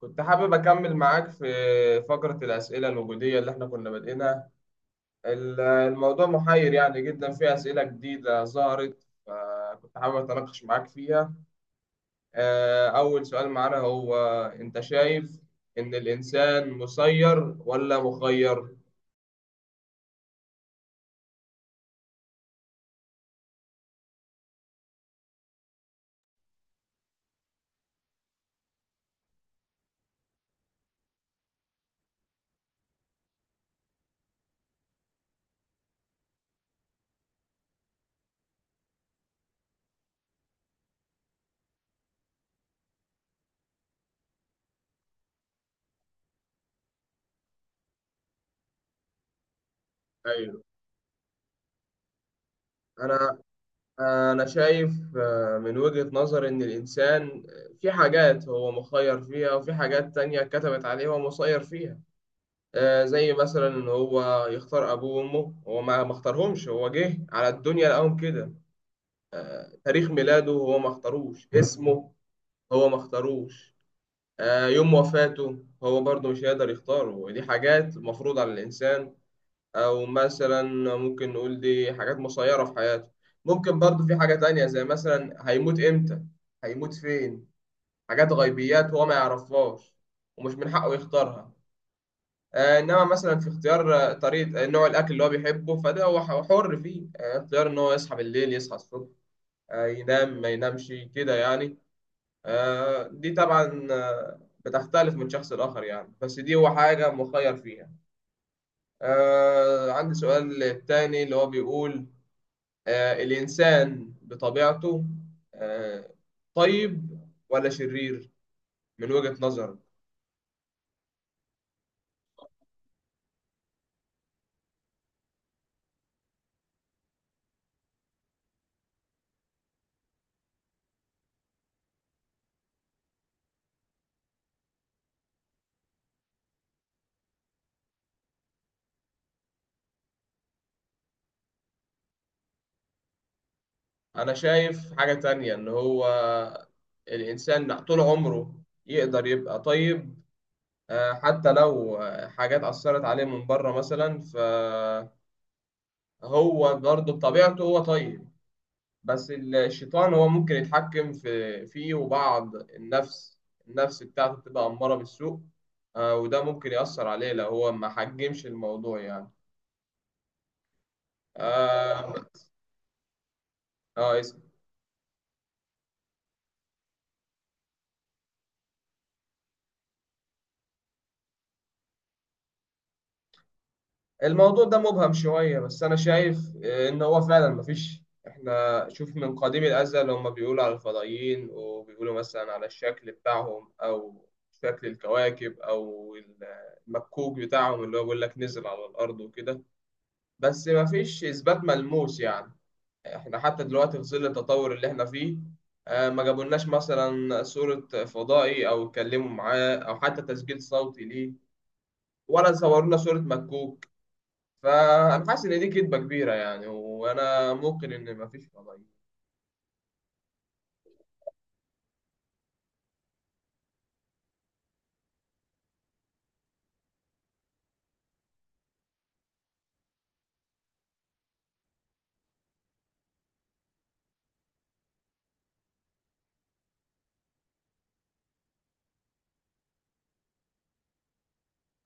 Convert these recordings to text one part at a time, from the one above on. كنت حابب أكمل معاك في فقرة الأسئلة الوجودية اللي إحنا كنا بادئينها. الموضوع محير يعني جدا، في أسئلة جديدة ظهرت، فكنت حابب أتناقش معاك فيها. أول سؤال معانا هو، أنت شايف إن الإنسان مسير ولا مخير؟ أيوه. أنا أنا شايف من وجهة نظر إن الإنسان، في حاجات هو مخير فيها وفي حاجات تانية كتبت عليه هو مسير فيها. زي مثلا ان هو يختار ابوه وامه، هو ما اختارهمش، هو جه على الدنيا لقاهم كده. تاريخ ميلاده هو ما اختاروش، اسمه هو ما اختاروش. يوم وفاته هو برضه مش هيقدر يختاره، ودي حاجات مفروض على الانسان. او مثلا، ممكن نقول دي حاجات مسيرة في حياته. ممكن برضه في حاجة تانية، زي مثلا هيموت امتى، هيموت فين، حاجات غيبيات هو ما يعرفهاش ومش من حقه يختارها. انما مثلا في اختيار طريقه، نوع الاكل اللي هو بيحبه، فده هو حر فيه. اختيار ان هو يصحى بالليل يصحى الصبح، ينام ما ينامش كده يعني. دي طبعا بتختلف من شخص لاخر يعني، بس دي هو حاجه مخير فيها. عندي سؤال تاني اللي هو بيقول، الانسان بطبيعته آه، طيب ولا شرير، من وجهة نظرك؟ انا شايف حاجة تانية، ان هو الانسان طول عمره يقدر يبقى طيب، حتى لو حاجات اثرت عليه من بره مثلا، فهو برضه بطبيعته هو طيب. بس الشيطان هو ممكن يتحكم فيه، وبعض النفس، النفس بتاعته بتبقى أمارة بالسوء. وده ممكن يأثر عليه لو هو ما حجمش الموضوع يعني. اه. آه، الموضوع ده مبهم شوية، بس أنا شايف إن هو فعلا مفيش، إحنا شوف من قديم الأزل هما بيقولوا على الفضائيين، وبيقولوا مثلا على الشكل بتاعهم، أو شكل الكواكب، أو المكوك بتاعهم اللي هو بيقول لك نزل على الأرض وكده. بس مفيش إثبات ملموس يعني. إحنا حتى دلوقتي في ظل التطور اللي إحنا فيه، ما جابولناش مثلا صورة فضائي، أو اتكلموا معاه، أو حتى تسجيل صوتي ليه، ولا صورونا صورة مكوك. فانا حاسس ان دي كدبه كبيره يعني، وانا ممكن ان ما فيش فضائيين.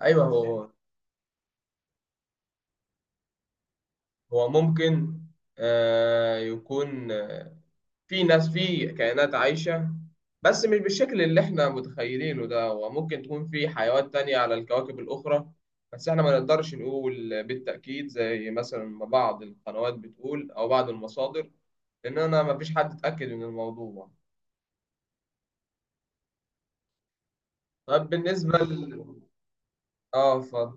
ايوه هو. هو ممكن آه يكون في ناس، في كائنات عايشه، بس مش بالشكل اللي احنا متخيلينه ده، وممكن تكون في حيوانات تانية على الكواكب الاخرى. بس احنا ما نقدرش نقول بالتاكيد زي مثلا ما بعض القنوات بتقول، او بعض المصادر، لان انا ما فيش حد اتاكد من الموضوع. طب بالنسبه اه، اتفضل.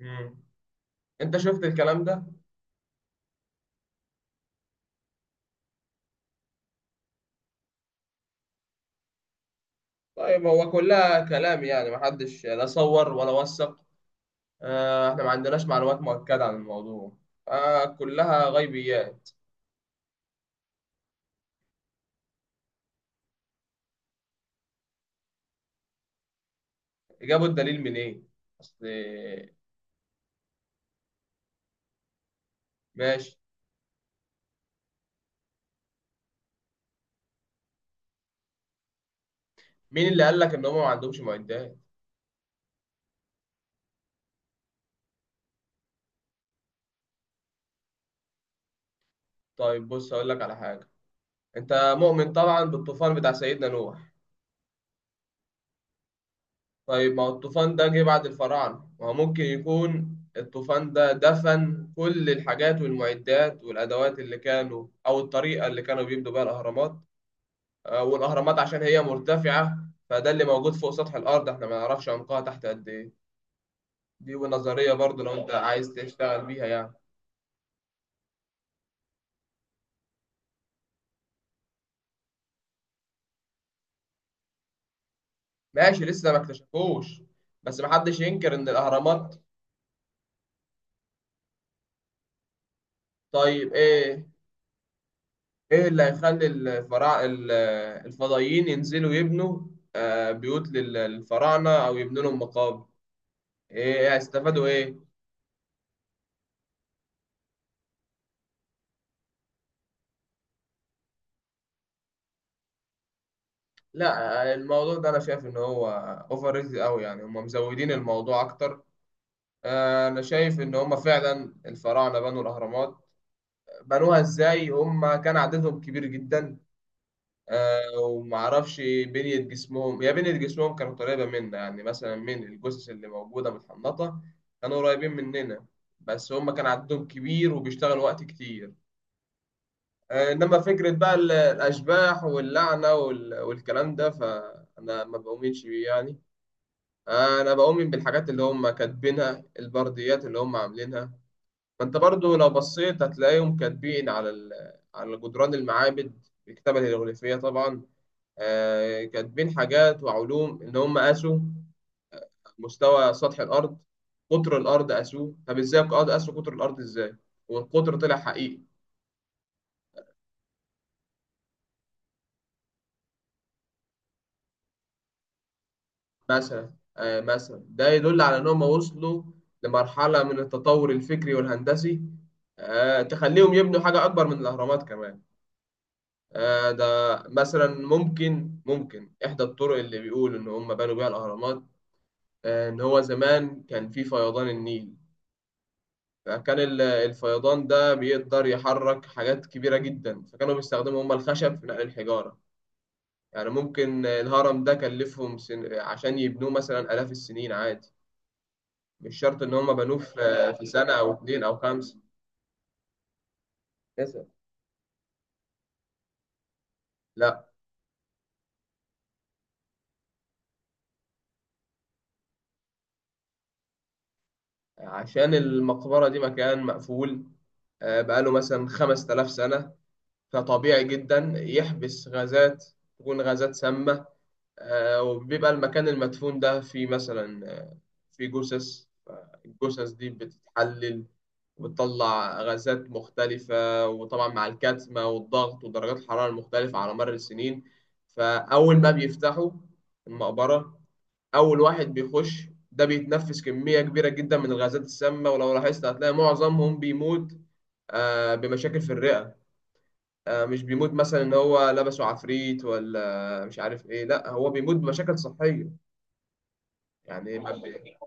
مم. انت شفت الكلام ده؟ طيب هو كلها كلام يعني، محدش لا صور ولا وثق، احنا ما عندناش معلومات مؤكدة عن الموضوع، كلها غيبيات. جابوا الدليل منين؟ اصل. ماشي. مين اللي قال لك ان هم ما عندهمش معدات؟ طيب بص اقول لك على حاجة، انت مؤمن طبعا بالطوفان بتاع سيدنا نوح. طيب ما هو الطوفان ده جه بعد الفراعنة، ما هو ممكن يكون الطوفان ده دفن كل الحاجات والمعدات والأدوات اللي كانوا، أو الطريقة اللي كانوا بيبنوا بيها الأهرامات. والاهرامات عشان هي مرتفعه، فده اللي موجود فوق سطح الارض، احنا ما نعرفش عمقها تحت قد ايه. دي ونظريه برضو لو انت عايز تشتغل بيها يعني. ماشي، لسه ما اكتشفوش، بس ما حدش ينكر ان الاهرامات. طيب ايه، ايه اللي هيخلي الفضائيين ينزلوا يبنوا بيوت للفراعنه، او يبنوا لهم مقابر؟ إيه، هيستفادوا ايه؟ لا الموضوع ده انا شايف ان هو، اوفر ريتد قوي يعني، هم مزودين الموضوع اكتر. انا شايف ان هم فعلا الفراعنه بنوا الاهرامات. بنوها ازاي؟ هم كان عددهم كبير جدا، ومعرفش بنيه جسمهم، هي بنيه جسمهم كانت قريبه منا يعني، مثلا من الجثث اللي موجوده متحنطه كانوا قريبين مننا، بس هم كان عددهم كبير وبيشتغلوا وقت كتير. انما فكره بقى الاشباح واللعنه والكلام ده، فانا ما بؤمنش بيه يعني. انا بؤمن بالحاجات اللي هم كاتبينها، البرديات اللي هم عاملينها. فانت برضو لو بصيت هتلاقيهم كاتبين على جدران المعابد، الكتابة الهيروغليفية طبعا. كاتبين حاجات وعلوم إن هم قاسوا مستوى سطح الأرض، قطر الأرض قاسوه، طب إزاي قاسوا قطر الأرض إزاي، والقطر طلع حقيقي. مثلا مثلا ده يدل على إن هم وصلوا لمرحلة من التطور الفكري والهندسي، تخليهم يبنوا حاجة أكبر من الأهرامات كمان. ده مثلا، ممكن إحدى الطرق اللي بيقول إن هم بنوا بيها الأهرامات، إن هو زمان كان في فيضان النيل. فكان الفيضان ده بيقدر يحرك حاجات كبيرة جدا، فكانوا بيستخدموا هم الخشب في نقل الحجارة. يعني ممكن الهرم ده كلفهم عشان يبنوه مثلا آلاف السنين عادي، مش شرط إن هم بنوه في سنة أو اتنين أو خمسة. تسعة. لا. عشان المقبرة دي مكان مقفول، بقاله مثلا 5000 سنة، فطبيعي جدا يحبس غازات، تكون غازات سامة. وبيبقى المكان المدفون ده في مثلا، في جثث، الجثث دي بتتحلل وبتطلع غازات مختلفة، وطبعا مع الكتمة والضغط ودرجات الحرارة المختلفة على مر السنين. فأول ما بيفتحوا المقبرة، أول واحد بيخش ده بيتنفس كمية كبيرة جدا من الغازات السامة، ولو لاحظت هتلاقي معظمهم بيموت بمشاكل في الرئة. مش بيموت مثلا ان هو لبسه عفريت ولا مش عارف ايه، لا هو بيموت بمشاكل صحية. يعني ما بي...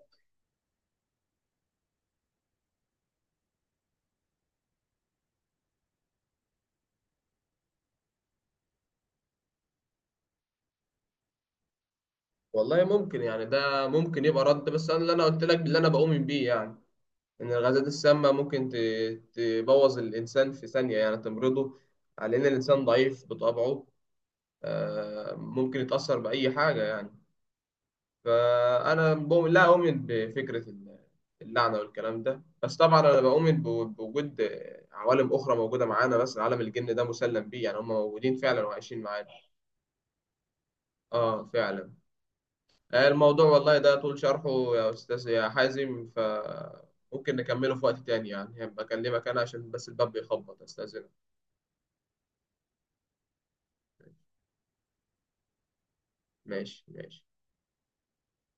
والله ممكن يعني، ده ممكن يبقى رد، بس انا اللي انا قلت لك اللي انا بؤمن بيه يعني، ان الغازات السامة ممكن تبوظ الانسان في ثانية يعني، تمرضه، على ان الانسان ضعيف بطبعه. ممكن يتأثر بأي حاجة يعني. فأنا بؤمن لا أؤمن بفكرة اللعنة والكلام ده، بس طبعا أنا بؤمن بوجود عوالم أخرى موجودة معانا، بس عالم الجن ده مسلم بيه يعني، هم موجودين فعلا وعايشين معانا. آه فعلا. الموضوع والله ده طول شرحه يا أستاذ يا حازم، فممكن نكمله في وقت تاني يعني، هبقى أكلمك أنا عشان بس الباب بيخبط، أستاذنك. ماشي ماشي.